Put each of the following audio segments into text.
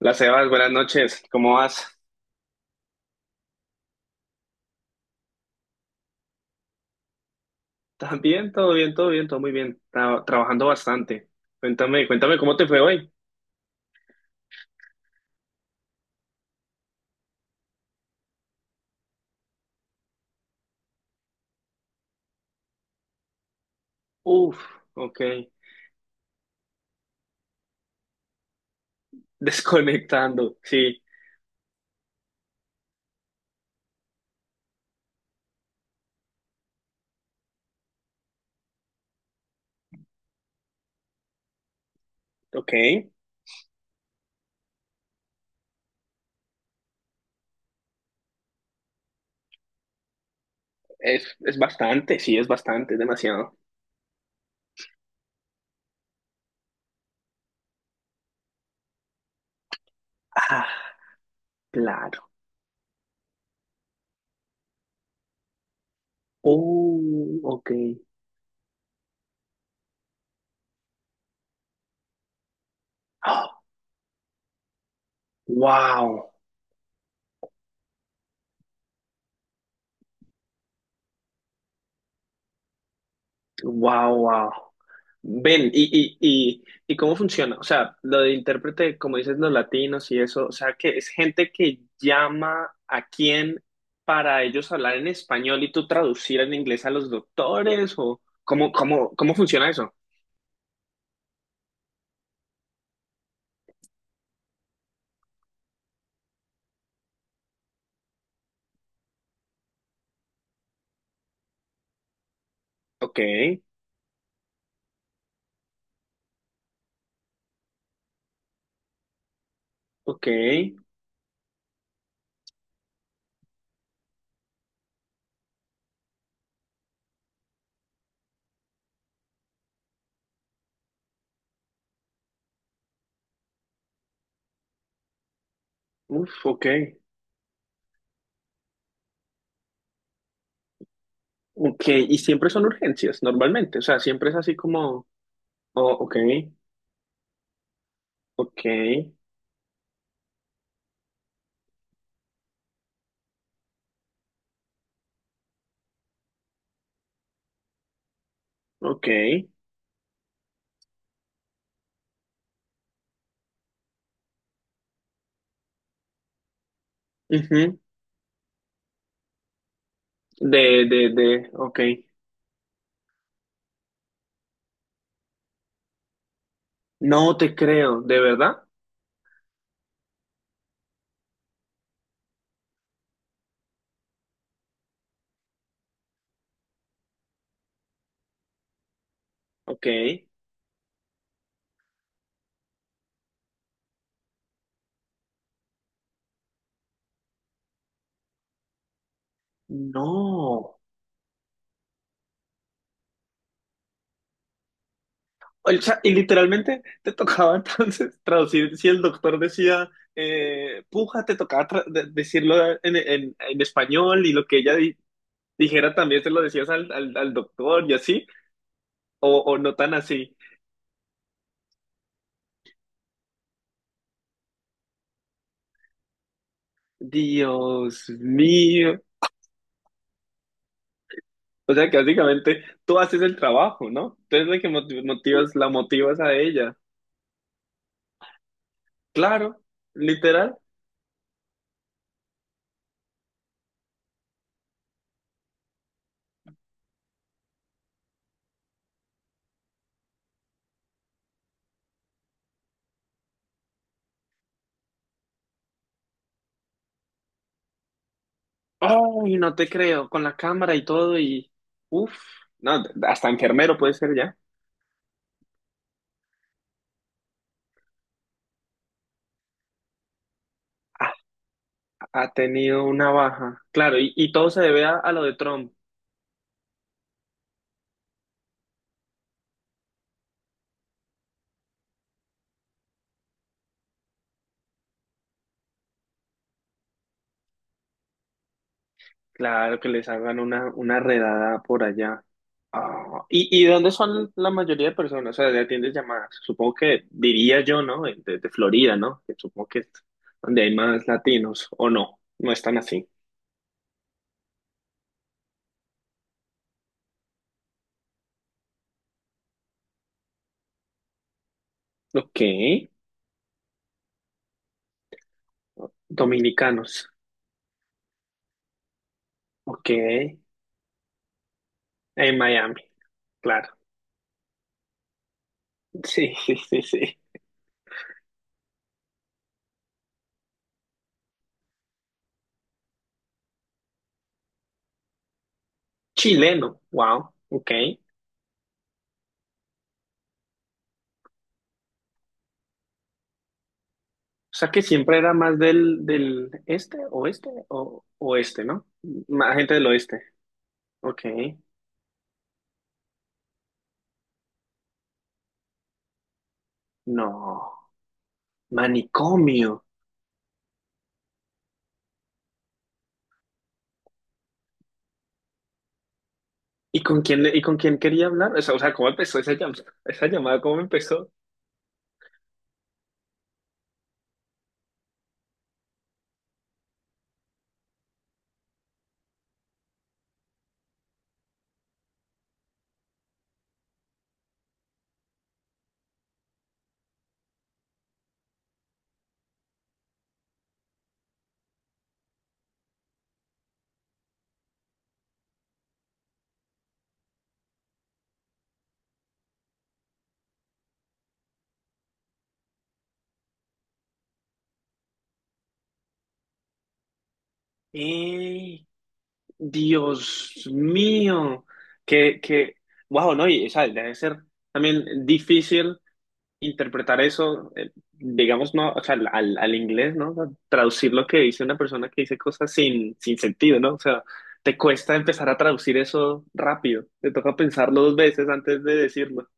Hola Sebas, buenas noches. ¿Cómo vas? ¿Estás bien? Todo bien, todo bien, todo muy bien. Trabajando bastante. Cuéntame, cuéntame cómo te fue hoy. Uf, ok. Desconectando, sí. Ok. Es bastante, sí, es bastante, es demasiado. Ah, claro. Oh, ok. Ah, wow. Wow, wow. Ven, ¿Y cómo funciona? O sea, lo de intérprete, como dices, los latinos y eso, o sea, que es gente que llama a quién para ellos hablar en español y tú traducir en inglés a los doctores, o cómo funciona eso? Ok, ok, uf, ok, ok, y siempre son urgencias, normalmente, o sea, siempre es así como, oh, ok, ok, ok, ujú, De, de, ok. No te creo, ¿de verdad? Ok. No. O sea, y literalmente te tocaba entonces traducir, si el doctor decía puja, te tocaba decirlo en español y lo que ella dijera también se lo decías al doctor y así, o no tan así. Dios mío. O sea que básicamente tú haces el trabajo, ¿no? Tú eres la que motivas, la motivas a ella. Claro, literal. Ay, no te creo, con la cámara y todo y... Uf, no, hasta enfermero puede ser ya. Ah, ha tenido una baja. Claro, y todo se debe a lo de Trump. Claro, que les hagan una redada por allá. Ah, ¿y de dónde son la mayoría de personas? O sea, de atiendes llamadas. Supongo que diría yo, ¿no? De Florida, ¿no? Que supongo que es donde hay más latinos, o no, no están así. Ok. Dominicanos. Ok. En Miami, claro. Sí, sí, sí, sí. Chileno, wow, ok. O sea que siempre era más del, del este, oeste o oeste, ¿no? Más gente del oeste. Ok. No. Manicomio. ¿Y con quién, y con quién quería hablar? O sea, ¿cómo empezó esa llamada? Esa llamada, ¿cómo empezó? ¡Ey! Dios mío, que, wow, no, y o sea, debe ser también difícil interpretar eso, digamos, no, o sea, al inglés, ¿no? O sea, traducir lo que dice una persona que dice cosas sin, sin sentido, ¿no? O sea, te cuesta empezar a traducir eso rápido. Te toca pensarlo dos veces antes de decirlo.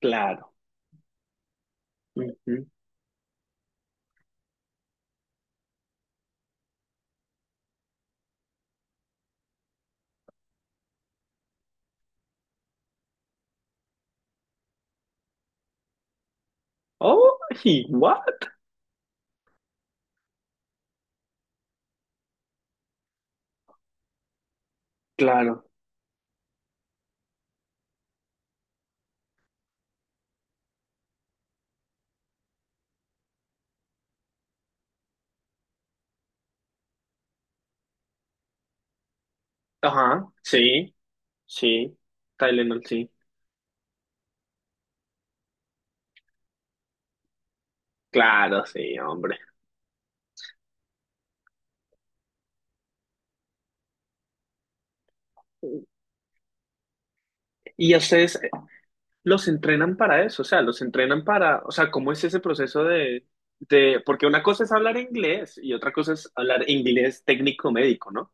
Claro. Ujú. Oh, what? Claro. Ajá, sí, sí. Tylenol, sí. Claro, sí, hombre. ¿Y a ustedes los entrenan para eso, o sea, los entrenan para, o sea, ¿cómo es ese proceso de, porque una cosa es hablar inglés y otra cosa es hablar inglés técnico-médico, ¿no?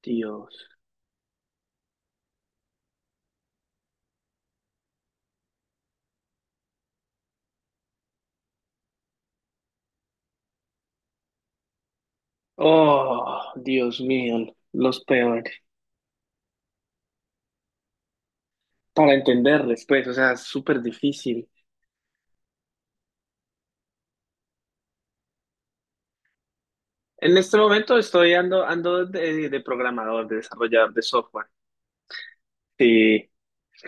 Dios. Oh, Dios mío, los peores. Para entenderles, pues, o sea, es súper difícil. En este momento ando de programador, de desarrollador de software. Sí.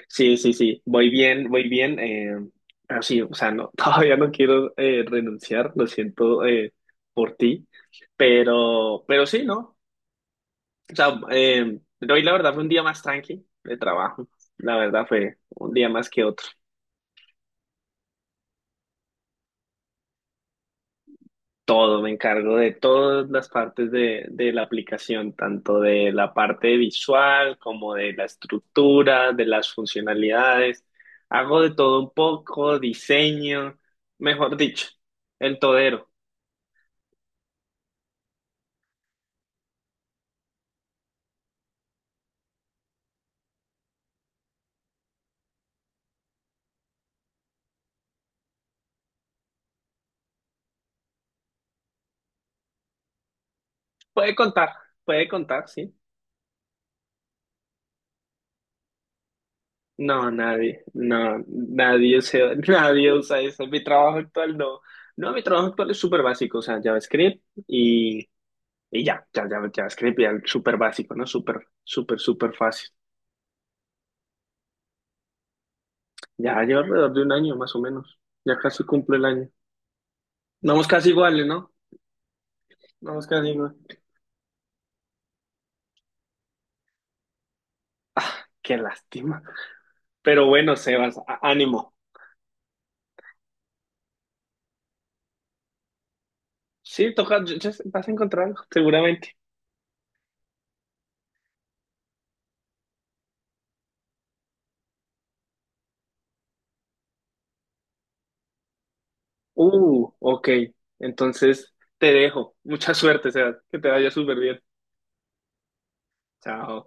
Sí, sí, sí, voy bien, pero sí, o sea, no, todavía no quiero renunciar, lo siento por ti, pero sí, ¿no? O sea, hoy la verdad fue un día más tranqui de trabajo, la verdad fue un día más que otro. Todo, me encargo de todas las partes de la aplicación, tanto de la parte visual como de la estructura, de las funcionalidades. Hago de todo un poco, diseño, mejor dicho, el todero. Puede contar, puede contar, sí. No, nadie, no, nadie usa, nadie usa eso. Mi trabajo actual no. No, mi trabajo actual es súper básico, o sea, JavaScript y ya, ya, ya, JavaScript ya es súper básico, ¿no? Súper, súper, súper fácil. Ya lleva alrededor de un año más o menos. Ya casi cumple el año. Vamos casi iguales, ¿no? Vamos casi iguales. Ah, qué lástima. Pero bueno, Sebas, ánimo. Sí, toca, ya vas a encontrar algo, seguramente. Ok. Entonces te dejo. Mucha suerte, Sebas. Que te vaya súper bien. Chao.